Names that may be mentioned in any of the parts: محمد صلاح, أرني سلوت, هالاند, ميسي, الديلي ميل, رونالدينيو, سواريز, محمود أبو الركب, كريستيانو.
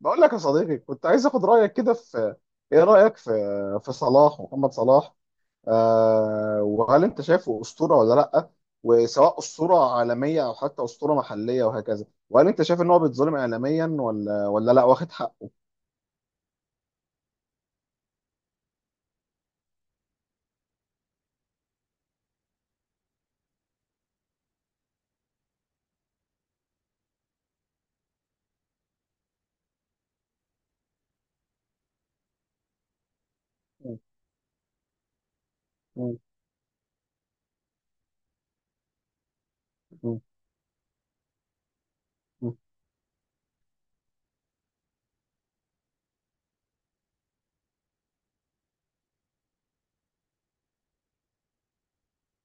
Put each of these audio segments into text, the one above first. بقول لك يا صديقي، كنت عايز اخد رايك كده ايه رايك في صلاح، محمد صلاح. وهل انت شايفه اسطوره ولا لا، وسواء اسطوره عالميه او حتى اسطوره محليه وهكذا، وهل انت شايف ان هو بيتظلم اعلاميا ولا لا واخد حقه؟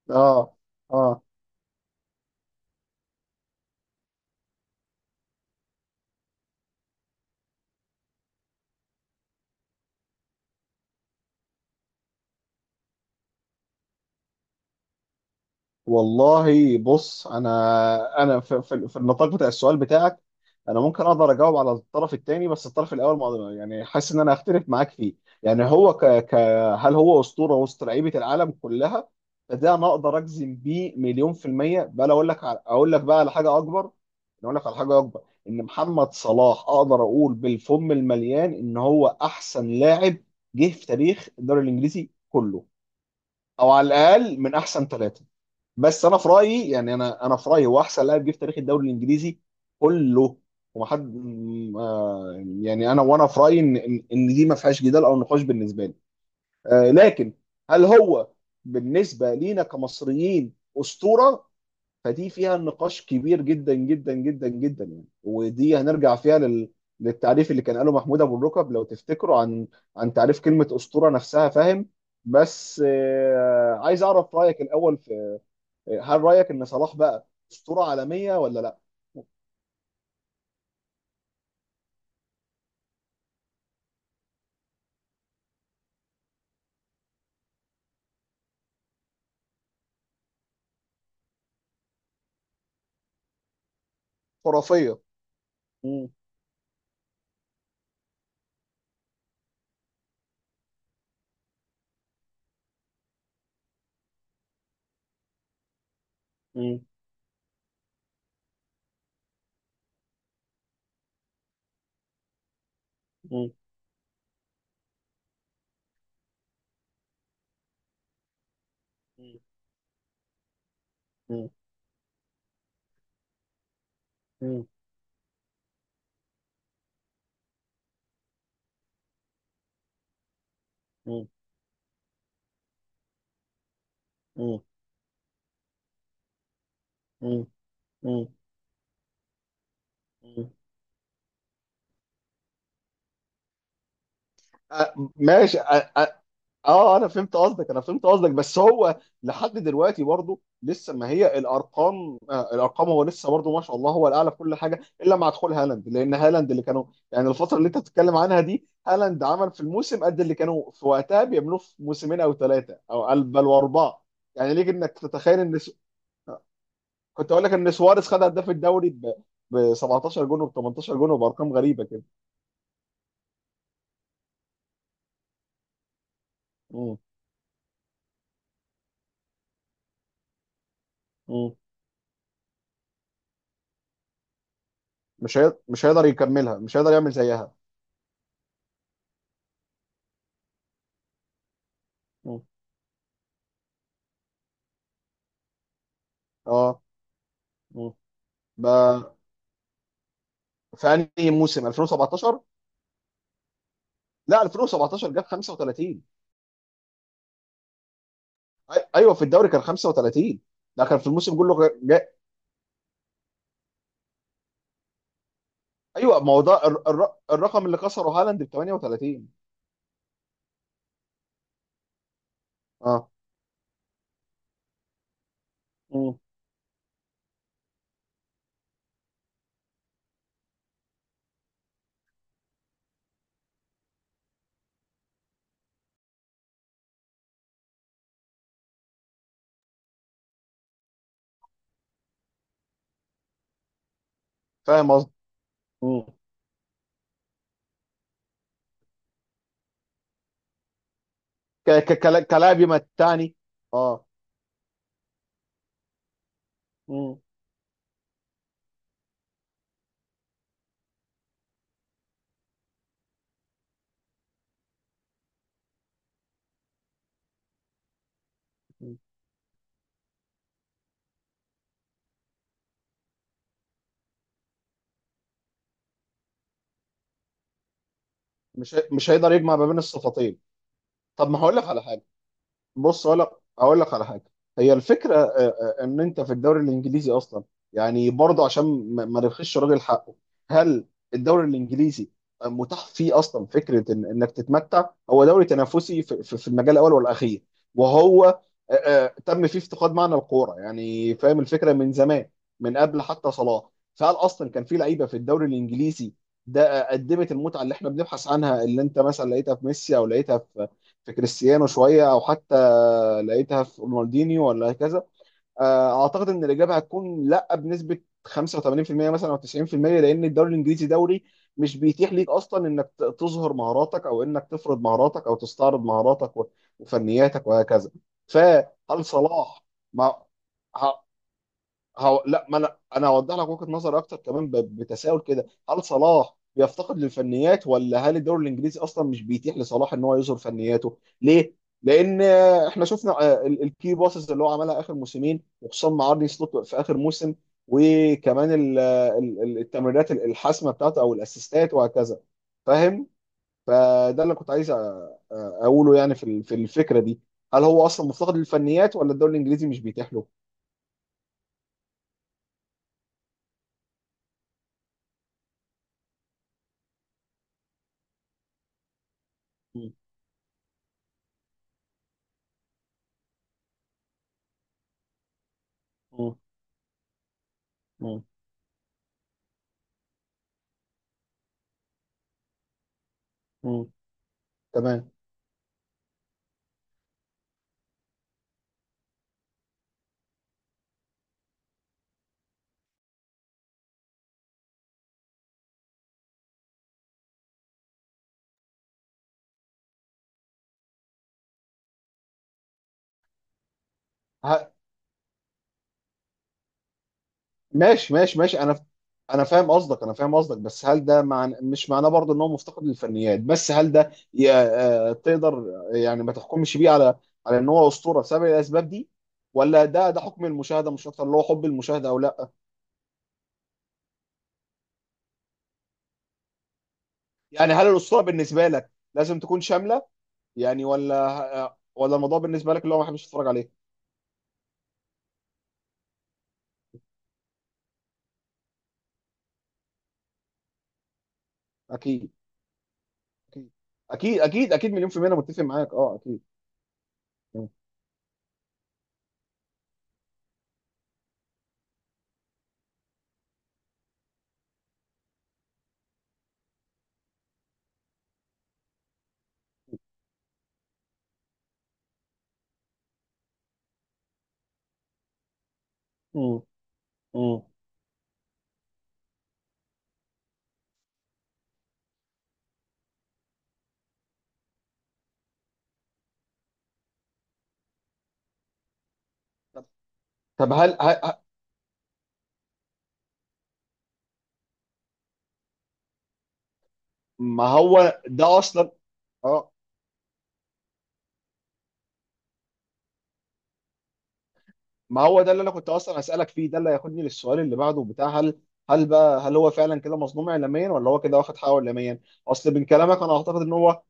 اه، اه. والله بص، انا في النطاق بتاع السؤال بتاعك انا ممكن اقدر اجاوب على الطرف الثاني، بس الطرف الاول ما يعني حاسس ان انا هختلف معاك فيه. يعني هو ك, ك هل هو اسطوره وسط لعيبه العالم كلها؟ فده انا اقدر اجزم بيه مليون في الميه. بقى لو اقول لك بقى على حاجه اكبر، اقول لك على حاجه اكبر: ان محمد صلاح اقدر اقول بالفم المليان ان هو احسن لاعب جه في تاريخ الدوري الانجليزي كله، او على الاقل من احسن ثلاثه. بس انا في رايي، يعني، انا في رايي هو احسن لاعب جه في تاريخ الدوري الانجليزي كله. ومحد م- آه، يعني انا في رايي ان ان إن دي ما فيهاش جدال او نقاش بالنسبه لي. لكن هل هو بالنسبه لينا كمصريين اسطوره؟ فدي فيها نقاش كبير جدا جدا جدا جدا، يعني. ودي هنرجع فيها للتعريف اللي كان قاله محمود ابو الركب لو تفتكروا، عن تعريف كلمه اسطوره نفسها، فاهم؟ بس عايز اعرف رايك الاول. هل رايك ان صلاح بقى اسطوره عالميه ولا لا؟ خرافيه. مم. مم. مم. مم. مم. مم. مم. مم. مم. مم. آه، ماشي، اه، انا فهمت قصدك، انا فهمت قصدك. بس هو لحد دلوقتي برضه لسه، ما هي الارقام، الارقام، هو لسه برضه ما شاء الله هو الاعلى في كل حاجه، الا مع دخول هالاند، لان هالاند اللي كانوا. يعني الفتره اللي انت بتتكلم عنها دي هالاند عمل في الموسم قد اللي كانوا في وقتها بيعملوه في موسمين او ثلاثه، او بل واربعه. يعني ليك انك تتخيل ان كنت اقول لك ان سواريز خد هداف الدوري ب 17 جون وب 18 جون وبارقام غريبه كده. مم. مم. مش هيقدر يكملها، مش هيقدر يعمل زيها. مم. اه. مم. ما في انهي موسم؟ 2017؟ لا، 2017 جاب 35. ايوه، في الدوري كان 35. ده كان في الموسم كله ايوه، ما هو ده الرقم اللي كسره هالاند ب 38. اه. مم. فاهم قصدي. مم. كلاعب يمتعني. اه. مم. مش هيقدر يجمع ما بين الصفتين. طب ما هقول لك على حاجه. بص، اقول لك، اقول لك على حاجه. هي الفكره، ان انت في الدوري الانجليزي اصلا، يعني، برضه عشان ما نرخيش راجل حقه: هل الدوري الانجليزي متاح فيه اصلا فكره إن انك تتمتع؟ هو دوري تنافسي في المجال الاول والاخير، وهو تم فيه افتقاد معنى الكوره، يعني، فاهم الفكره من زمان، من قبل حتى صلاح. فهل اصلا كان في لعيبه في الدوري الانجليزي ده قدمت المتعه اللي احنا بنبحث عنها، اللي انت مثلا لقيتها في ميسي او لقيتها في كريستيانو شويه، او حتى لقيتها في رونالدينيو ولا هكذا؟ اعتقد ان الاجابه هتكون لا، بنسبه 85% مثلا او 90%، لان الدوري الانجليزي دوري مش بيتيح ليك اصلا انك تظهر مهاراتك، او انك تفرض مهاراتك، او تستعرض مهاراتك وفنياتك وهكذا. فهل صلاح مع ه- هو، لا، ما انا هوضح لك وجهة نظر اكتر كمان بتساؤل كده: هل صلاح بيفتقد للفنيات، ولا هل الدوري الانجليزي اصلا مش بيتيح لصلاح ان هو يظهر فنياته؟ ليه؟ لان احنا شفنا الكي باسز اللي هو عملها اخر موسمين، وخصوصا مع ارني سلوت في اخر موسم. وكمان التمريرات الحاسمه بتاعته، او الاسيستات وهكذا، فاهم؟ فده اللي كنت عايز اقوله، يعني، في الفكره دي: هل هو اصلا مفتقد للفنيات ولا الدوري الانجليزي مش بيتيح له؟ مم. مم. مم. مم. تمام. ه... ماشي، ماشي، ماشي. انا فاهم قصدك، انا فاهم قصدك. بس هل ده مش معناه برضه ان هو مفتقد للفنيات، بس هل ده ي... آه، تقدر، يعني، ما تحكمش بيه على ان هو اسطوره بسبب الاسباب دي؟ ولا ده حكم المشاهده مش اكتر، اللي هو حب المشاهده او لا؟ يعني هل الاسطوره بالنسبه لك لازم تكون شامله، يعني، ولا الموضوع بالنسبه لك اللي هو ما حدش يتفرج عليه؟ اكيد، اكيد، اكيد، اكيد، اكيد، مليون في المية، انا متفق معاك، اه، اكيد. م. م. م. طب هل، ما هو ده اصلا. اه، ما هو ده اللي انا كنت اصلا اسالك فيه، ده اللي هياخدني للسؤال اللي بعده بتاع: هل بقى هل هو فعلا كده مظلوم اعلاميا، ولا هو كده واخد حقه اعلاميا؟ اصل من كلامك انا اعتقد ان هو.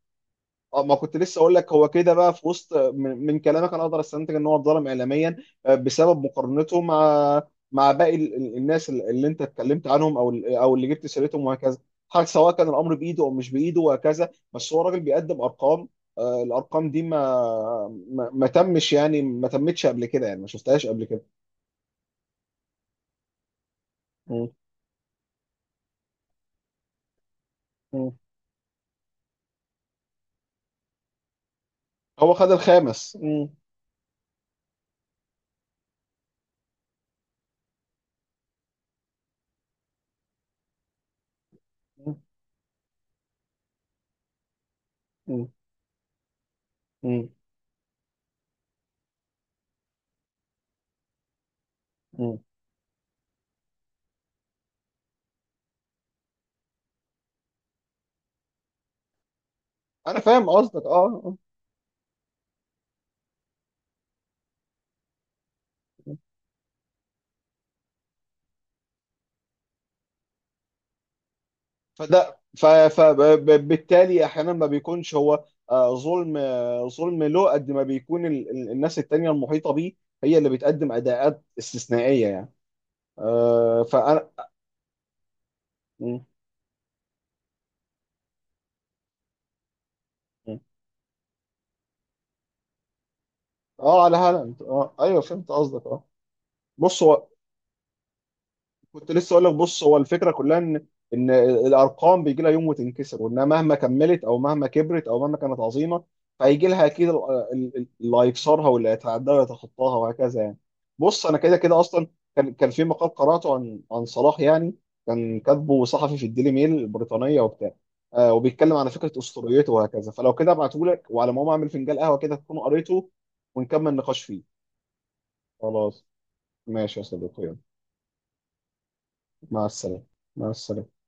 اه، ما كنت لسه اقول لك، هو كده بقى، في وسط من كلامك انا اقدر استنتج ان هو اتظلم اعلاميا، بسبب مقارنته مع باقي الناس اللي انت اتكلمت عنهم، او اللي جبت سيرتهم وهكذا. حاجه سواء كان الامر بايده او مش بايده وهكذا، بس هو راجل بيقدم ارقام. الارقام دي ما تمش، يعني، ما تمتش قبل كده، يعني ما شفتهاش قبل كده. م- م. هو خد الخامس. م- م- م- م- م. انا فاهم قصدك، اه، آه. فده فبالتالي احيانا ما بيكونش هو ظلم، ظلم له قد ما بيكون الناس التانية المحيطة بيه هي اللي بتقدم اداءات استثنائية، يعني، فانا. م- م. اه، على هالاند، اه، ايوه فهمت قصدك، اه. بص هو، كنت لسه اقول لك، بص هو الفكره كلها ان الارقام بيجي لها يوم وتنكسر، وانها مهما كملت او مهما كبرت او مهما كانت عظيمه، فهيجي لها اكيد اللي هيكسرها، واللي هيتعداها ويتخطاها وهكذا، يعني. بص، انا كده كده اصلا، كان في مقال قراته عن صلاح، يعني، كان كاتبه صحفي في الديلي ميل البريطانيه وبتاع، وبيتكلم على فكره اسطوريته وهكذا. فلو كده ابعته لك، وعلى ما أقوم اعمل فنجان قهوه كده تكون قريته، ونكمل نقاش فيه. خلاص. ماشي يا صديقي، يلا. مع السلامه. مع السلامه.